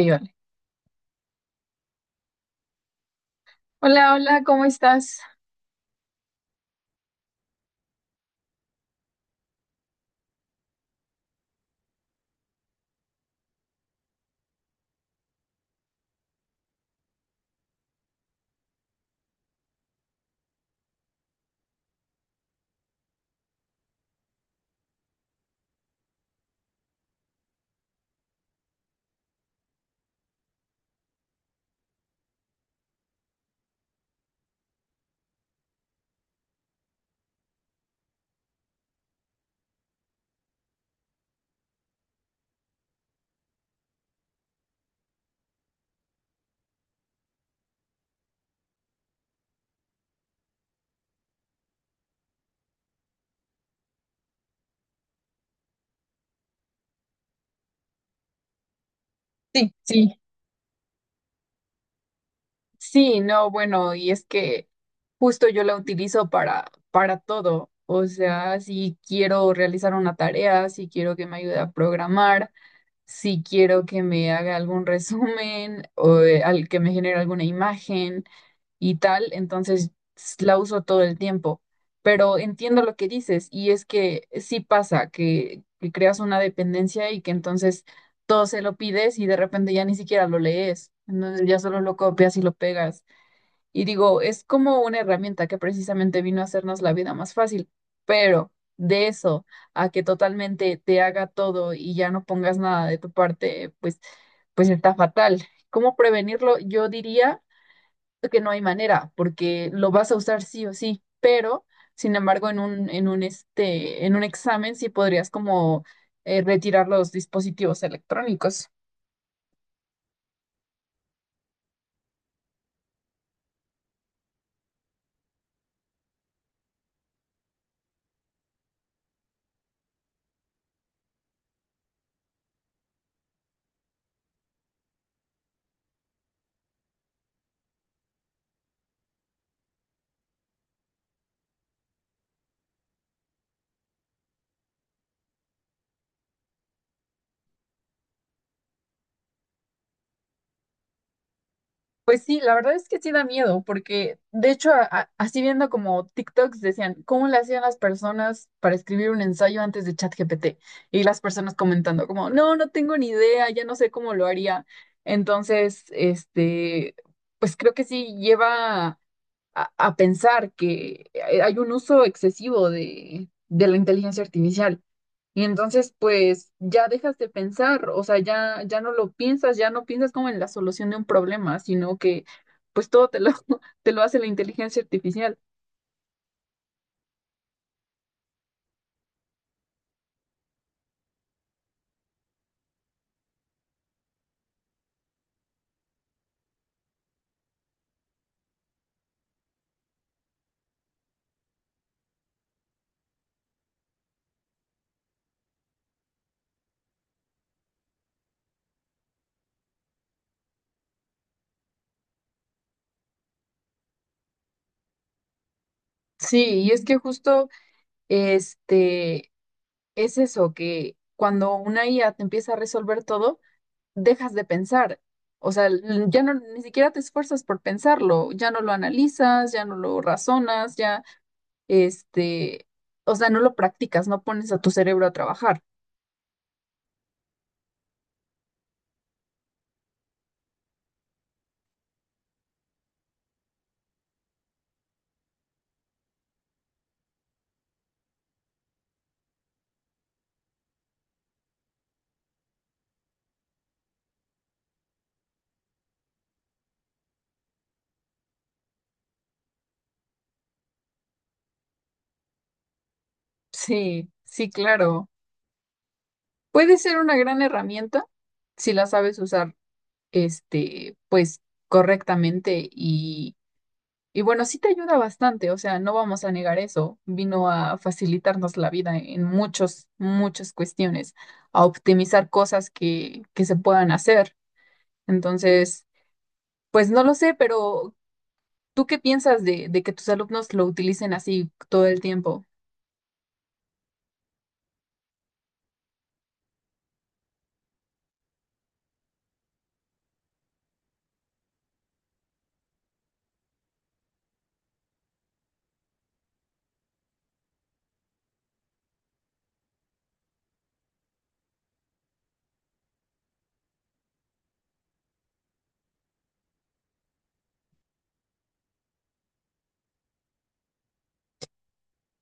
Iván. Hola, hola, ¿cómo estás? Sí, sí, sí, no, bueno, y es que justo yo la utilizo para todo. O sea, si quiero realizar una tarea, si quiero que me ayude a programar, si quiero que me haga algún resumen o al que me genere alguna imagen, y tal, entonces la uso todo el tiempo. Pero entiendo lo que dices, y es que sí pasa que creas una dependencia y que entonces todo se lo pides, y de repente ya ni siquiera lo lees, entonces ya solo lo copias y lo pegas. Y digo, es como una herramienta que precisamente vino a hacernos la vida más fácil, pero de eso a que totalmente te haga todo y ya no pongas nada de tu parte, pues, pues está fatal. ¿Cómo prevenirlo? Yo diría que no hay manera, porque lo vas a usar sí o sí, pero sin embargo en un examen sí podrías como retirar los dispositivos electrónicos. Pues sí, la verdad es que sí da miedo, porque de hecho, así viendo como TikToks decían, ¿cómo le hacían las personas para escribir un ensayo antes de ChatGPT? Y las personas comentando como, no, no tengo ni idea, ya no sé cómo lo haría. Entonces, pues creo que sí lleva a pensar que hay un uso excesivo de la inteligencia artificial. Y entonces, pues, ya dejas de pensar, o sea, ya no lo piensas, ya no piensas como en la solución de un problema, sino que, pues, todo te lo, te lo hace la inteligencia artificial. Sí, y es que justo, este, es eso, que cuando una IA te empieza a resolver todo, dejas de pensar. O sea, ya no, ni siquiera te esfuerzas por pensarlo, ya no lo analizas, ya no lo razonas, ya este, o sea, no lo practicas, no pones a tu cerebro a trabajar. Sí, sí, claro. Puede ser una gran herramienta si la sabes usar, pues correctamente y bueno, sí te ayuda bastante, o sea, no vamos a negar eso. Vino a facilitarnos la vida en muchas cuestiones, a optimizar cosas que se puedan hacer. Entonces, pues no lo sé, pero ¿tú qué piensas de que tus alumnos lo utilicen así todo el tiempo?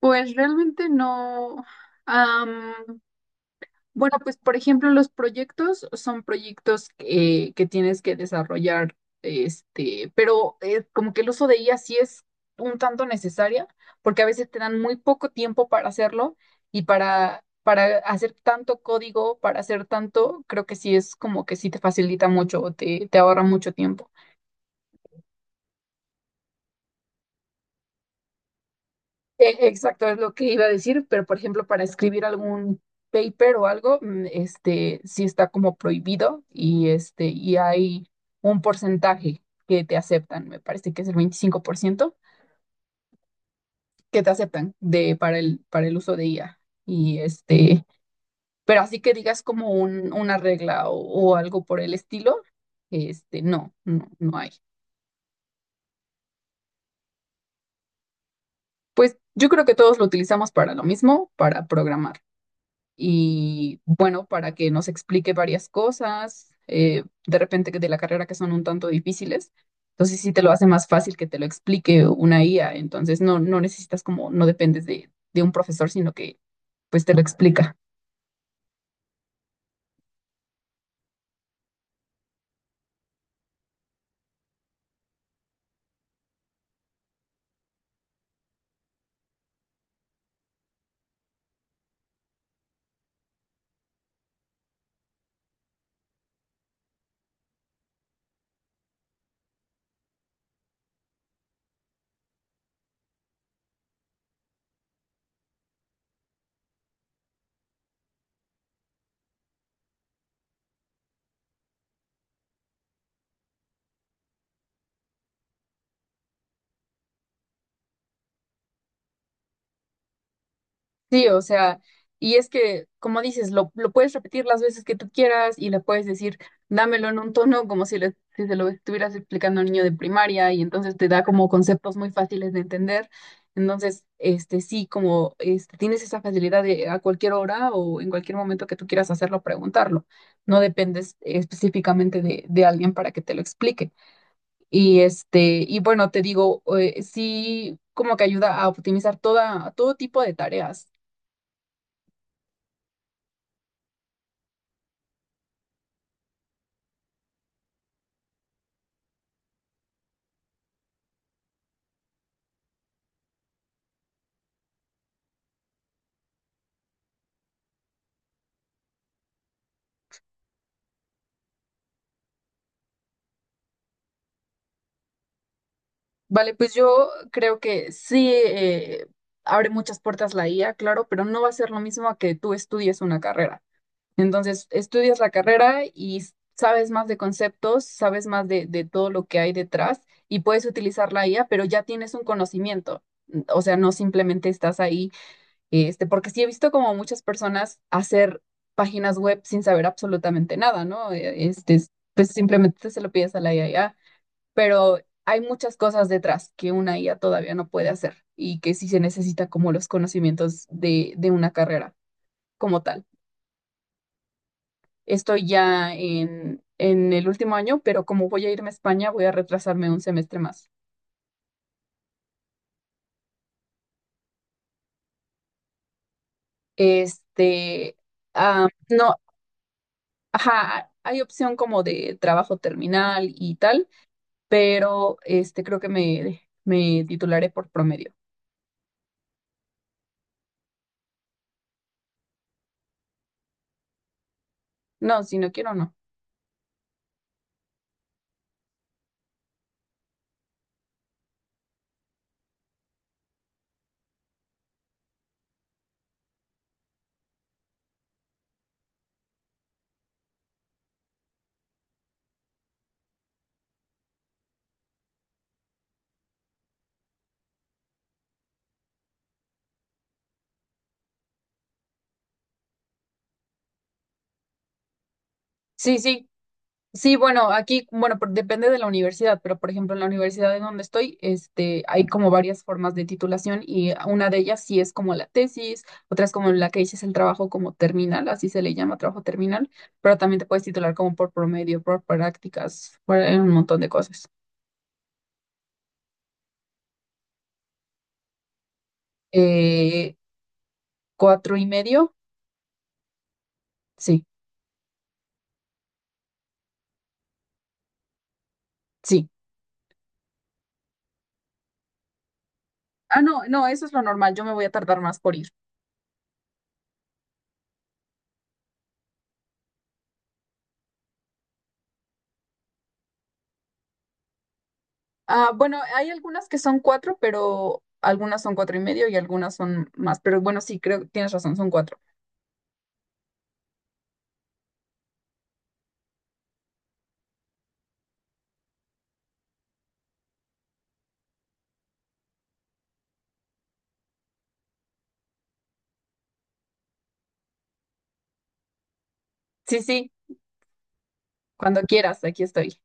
Pues realmente no. am, bueno, pues por ejemplo, los proyectos son proyectos que tienes que desarrollar, como que el uso de IA sí es un tanto necesaria, porque a veces te dan muy poco tiempo para hacerlo y para hacer tanto código, para hacer tanto, creo que sí es como que sí te facilita mucho, te ahorra mucho tiempo. Exacto, es lo que iba a decir, pero por ejemplo, para escribir algún paper o algo, sí está como prohibido y y hay un porcentaje que te aceptan, me parece que es el 25% que te aceptan de, para el uso de IA. Y pero así que digas como un, una regla o algo por el estilo, no, no, no hay. Pues yo creo que todos lo utilizamos para lo mismo, para programar. Y bueno, para que nos explique varias cosas, de repente que de la carrera, que son un tanto difíciles. Entonces sí te lo hace más fácil que te lo explique una IA. Entonces no, no necesitas como, no dependes de un profesor, sino que pues te lo explica. Sí, o sea, y es que, como dices, lo puedes repetir las veces que tú quieras, y le puedes decir, dámelo en un tono como si se lo estuvieras explicando a un niño de primaria, y entonces te da como conceptos muy fáciles de entender. Entonces, sí, como tienes esa facilidad de a cualquier hora o en cualquier momento que tú quieras hacerlo, preguntarlo. No dependes específicamente de alguien para que te lo explique. Y y bueno, te digo, sí, como que ayuda a optimizar todo tipo de tareas. Vale, pues yo creo que sí abre muchas puertas la IA, claro, pero no va a ser lo mismo a que tú estudies una carrera. Entonces, estudias la carrera y sabes más de conceptos, sabes más de todo lo que hay detrás, y puedes utilizar la IA, pero ya tienes un conocimiento. O sea, no simplemente estás ahí, porque sí he visto como muchas personas hacer páginas web sin saber absolutamente nada, ¿no? Pues simplemente se lo pides a la IA, pero hay muchas cosas detrás que una IA todavía no puede hacer y que sí se necesita como los conocimientos de una carrera como tal. Estoy ya en el último año, pero como voy a irme a España, voy a retrasarme un semestre más. Este, no, ajá, hay opción como de trabajo terminal y tal, pero este creo que me titularé por promedio. No, si no quiero, no. Sí, sí, sí, bueno, aquí, bueno, depende de la universidad, pero por ejemplo, en la universidad en donde estoy, hay como varias formas de titulación, y una de ellas sí es como la tesis, otra es como la que dices, el trabajo como terminal, así se le llama, trabajo terminal, pero también te puedes titular como por promedio, por prácticas, por un montón de cosas. Eh, 4 y medio, sí, sí. Ah, no, no, eso es lo normal, yo me voy a tardar más por ir. Ah, bueno, hay algunas que son cuatro, pero algunas son 4 y medio y algunas son más. Pero bueno, sí, creo que tienes razón, son cuatro. Sí, sí, cuando quieras, aquí estoy.